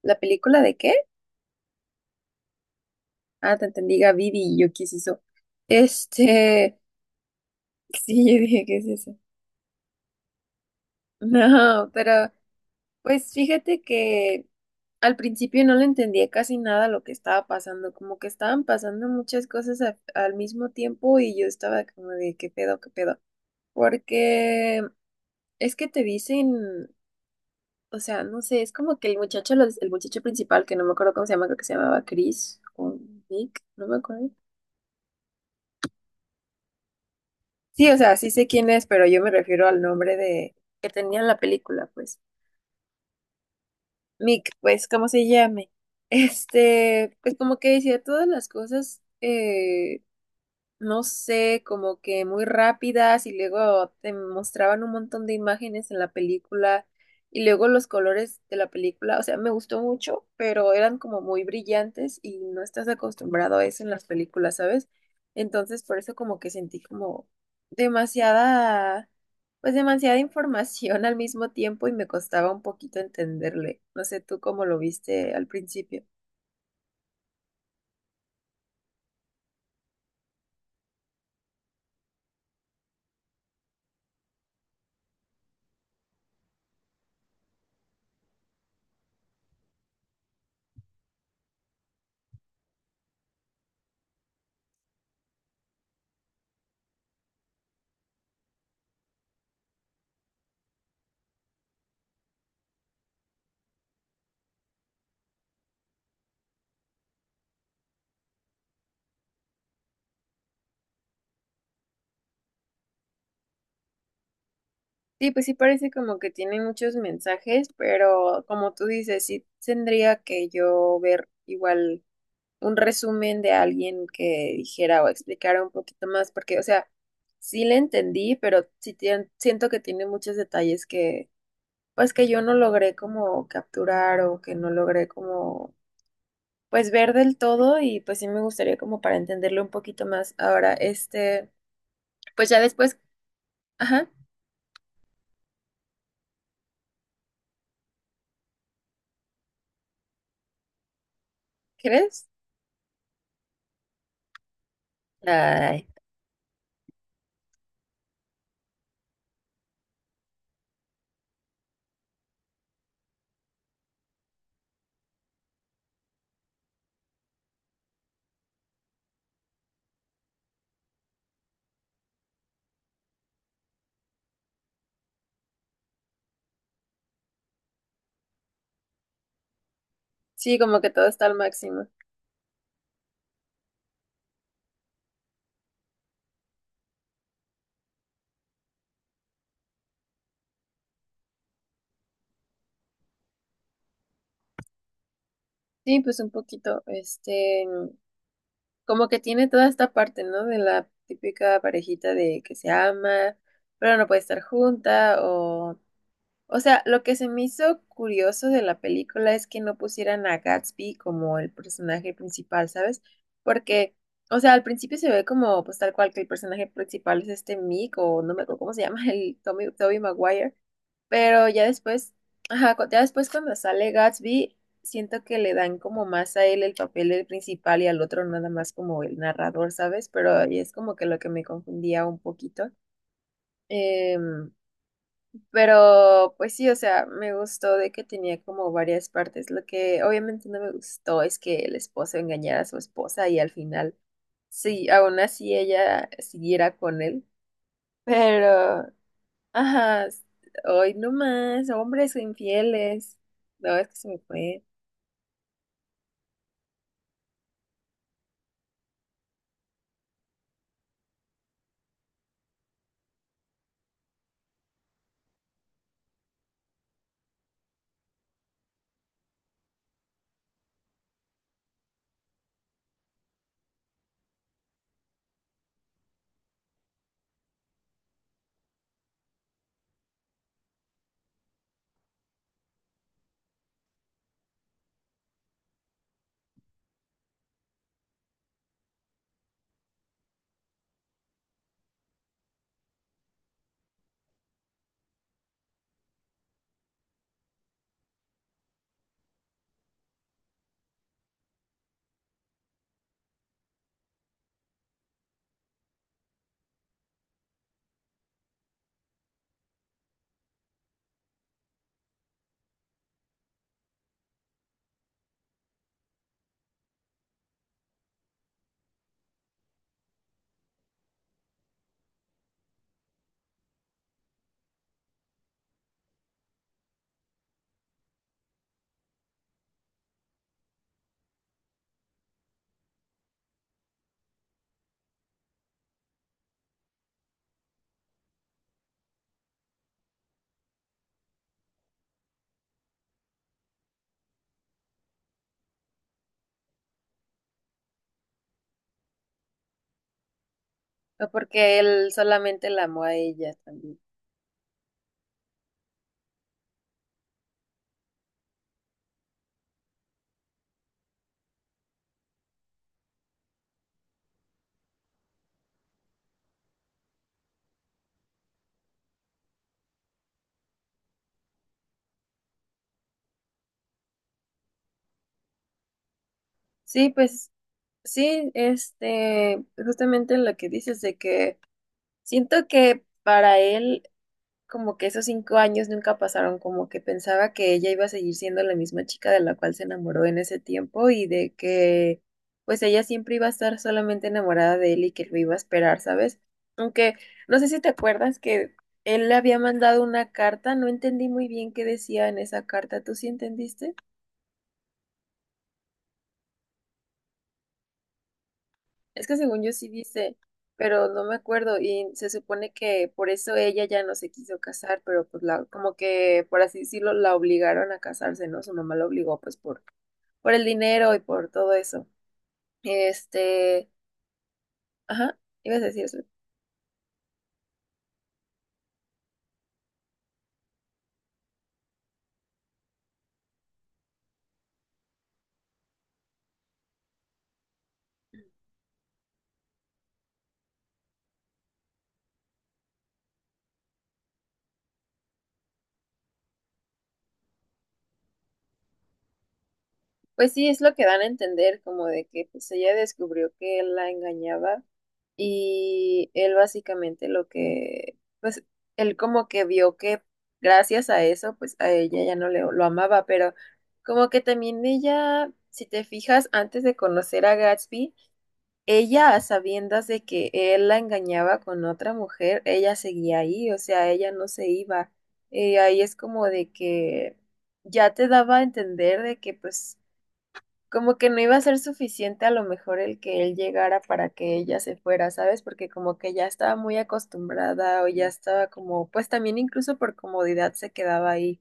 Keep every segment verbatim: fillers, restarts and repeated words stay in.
¿La película de qué? Ah, te entendí, Vivi y yo, ¿qué es eso? Este, sí, yo dije, ¿qué es eso? No, pero pues fíjate que al principio no le entendía casi nada lo que estaba pasando, como que estaban pasando muchas cosas a- al mismo tiempo y yo estaba como de, ¿qué pedo, qué pedo? Porque es que te dicen, o sea, no sé, es como que el muchacho, los- el muchacho principal, que no me acuerdo cómo se llama, creo que se llamaba Chris o Nick, no me acuerdo. Sí, o sea, sí sé quién es, pero yo me refiero al nombre de que tenía en la película, pues. Mick, pues, ¿cómo se llame? Este, pues como que decía todas las cosas, eh, no sé, como que muy rápidas y luego te mostraban un montón de imágenes en la película y luego los colores de la película, o sea, me gustó mucho, pero eran como muy brillantes y no estás acostumbrado a eso en las películas, ¿sabes? Entonces, por eso como que sentí como demasiada, pues demasiada información al mismo tiempo y me costaba un poquito entenderle. No sé tú cómo lo viste al principio. Sí, pues sí parece como que tiene muchos mensajes, pero como tú dices, sí tendría que yo ver igual un resumen de alguien que dijera o explicara un poquito más, porque, o sea, sí le entendí, pero sí tien- siento que tiene muchos detalles que, pues que yo no logré como capturar o que no logré como, pues ver del todo y pues sí me gustaría como para entenderlo un poquito más. Ahora, este, pues ya después, ajá, ¿crees? Ay. Sí, como que todo está al máximo. Sí, pues un poquito, este, como que tiene toda esta parte, ¿no? De la típica parejita de que se ama, pero no puede estar junta, o, o sea, lo que se me hizo curioso de la película es que no pusieran a Gatsby como el personaje principal, ¿sabes? Porque, o sea, al principio se ve como, pues tal cual que el personaje principal es este Mick, o no me acuerdo cómo se llama, el Tommy, Tobey Maguire, pero ya después, ajá, cu- ya después cuando sale Gatsby, siento que le dan como más a él el papel del principal y al otro nada más como el narrador, ¿sabes? Pero ahí es como que lo que me confundía un poquito. Em, pero pues sí, o sea, me gustó de que tenía como varias partes. Lo que obviamente no me gustó es que el esposo engañara a su esposa y al final, sí, aún así ella siguiera con él. Pero ajá, s- hoy no más, hombres infieles. No, es que se me fue. No, porque él solamente la amó a ella también. Sí, pues sí, este, justamente lo que dices de que siento que para él como que esos cinco años nunca pasaron, como que pensaba que ella iba a seguir siendo la misma chica de la cual se enamoró en ese tiempo y de que pues ella siempre iba a estar solamente enamorada de él y que lo iba a esperar, ¿sabes? Aunque no sé si te acuerdas que él le había mandado una carta, no entendí muy bien qué decía en esa carta, ¿tú sí entendiste? Es que según yo sí dice, pero no me acuerdo y se supone que por eso ella ya no se quiso casar, pero pues la, como que por así decirlo la obligaron a casarse, ¿no? Su mamá la obligó pues por, por el dinero y por todo eso. Este, ajá, ibas a decir eso. Pues sí, es lo que dan a entender, como de que pues ella descubrió que él la engañaba. Y él básicamente lo que, pues, él como que vio que gracias a eso, pues a ella ya no le, lo amaba, pero como que también ella, si te fijas, antes de conocer a Gatsby, ella a sabiendas de que él la engañaba con otra mujer, ella seguía ahí, o sea, ella no se iba. Eh, ahí es como de que ya te daba a entender de que pues como que no iba a ser suficiente a lo mejor el que él llegara para que ella se fuera, ¿sabes? Porque como que ya estaba muy acostumbrada o ya estaba como, pues también incluso por comodidad se quedaba ahí.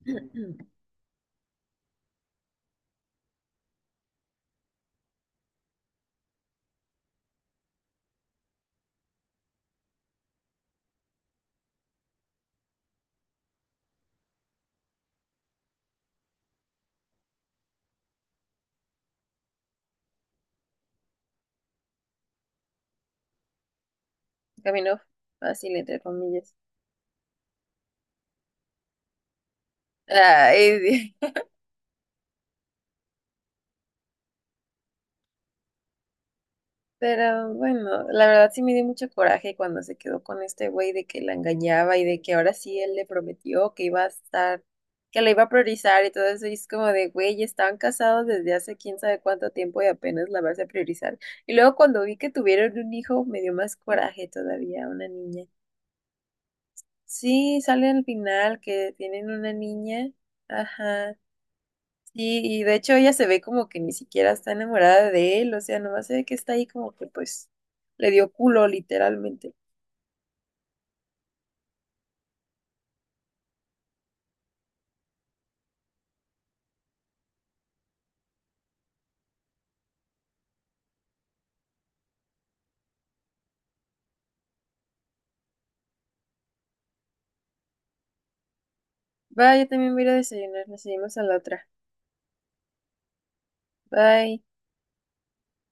Caminó fácil, entre comillas. Ay, pero bueno, la verdad sí me dio mucho coraje cuando se quedó con este güey de que la engañaba y de que ahora sí él le prometió que iba a estar, que la iba a priorizar y todo eso. Y es como de, güey, estaban casados desde hace quién sabe cuánto tiempo y apenas la vas a priorizar. Y luego cuando vi que tuvieron un hijo, me dio más coraje todavía, una niña. Sí, sale al final que tienen una niña. Ajá. Sí, y de hecho ella se ve como que ni siquiera está enamorada de él, o sea, nomás se ve que está ahí como que pues le dio culo literalmente. Bye, yo también voy a ir a desayunar, nos seguimos a la otra. Bye.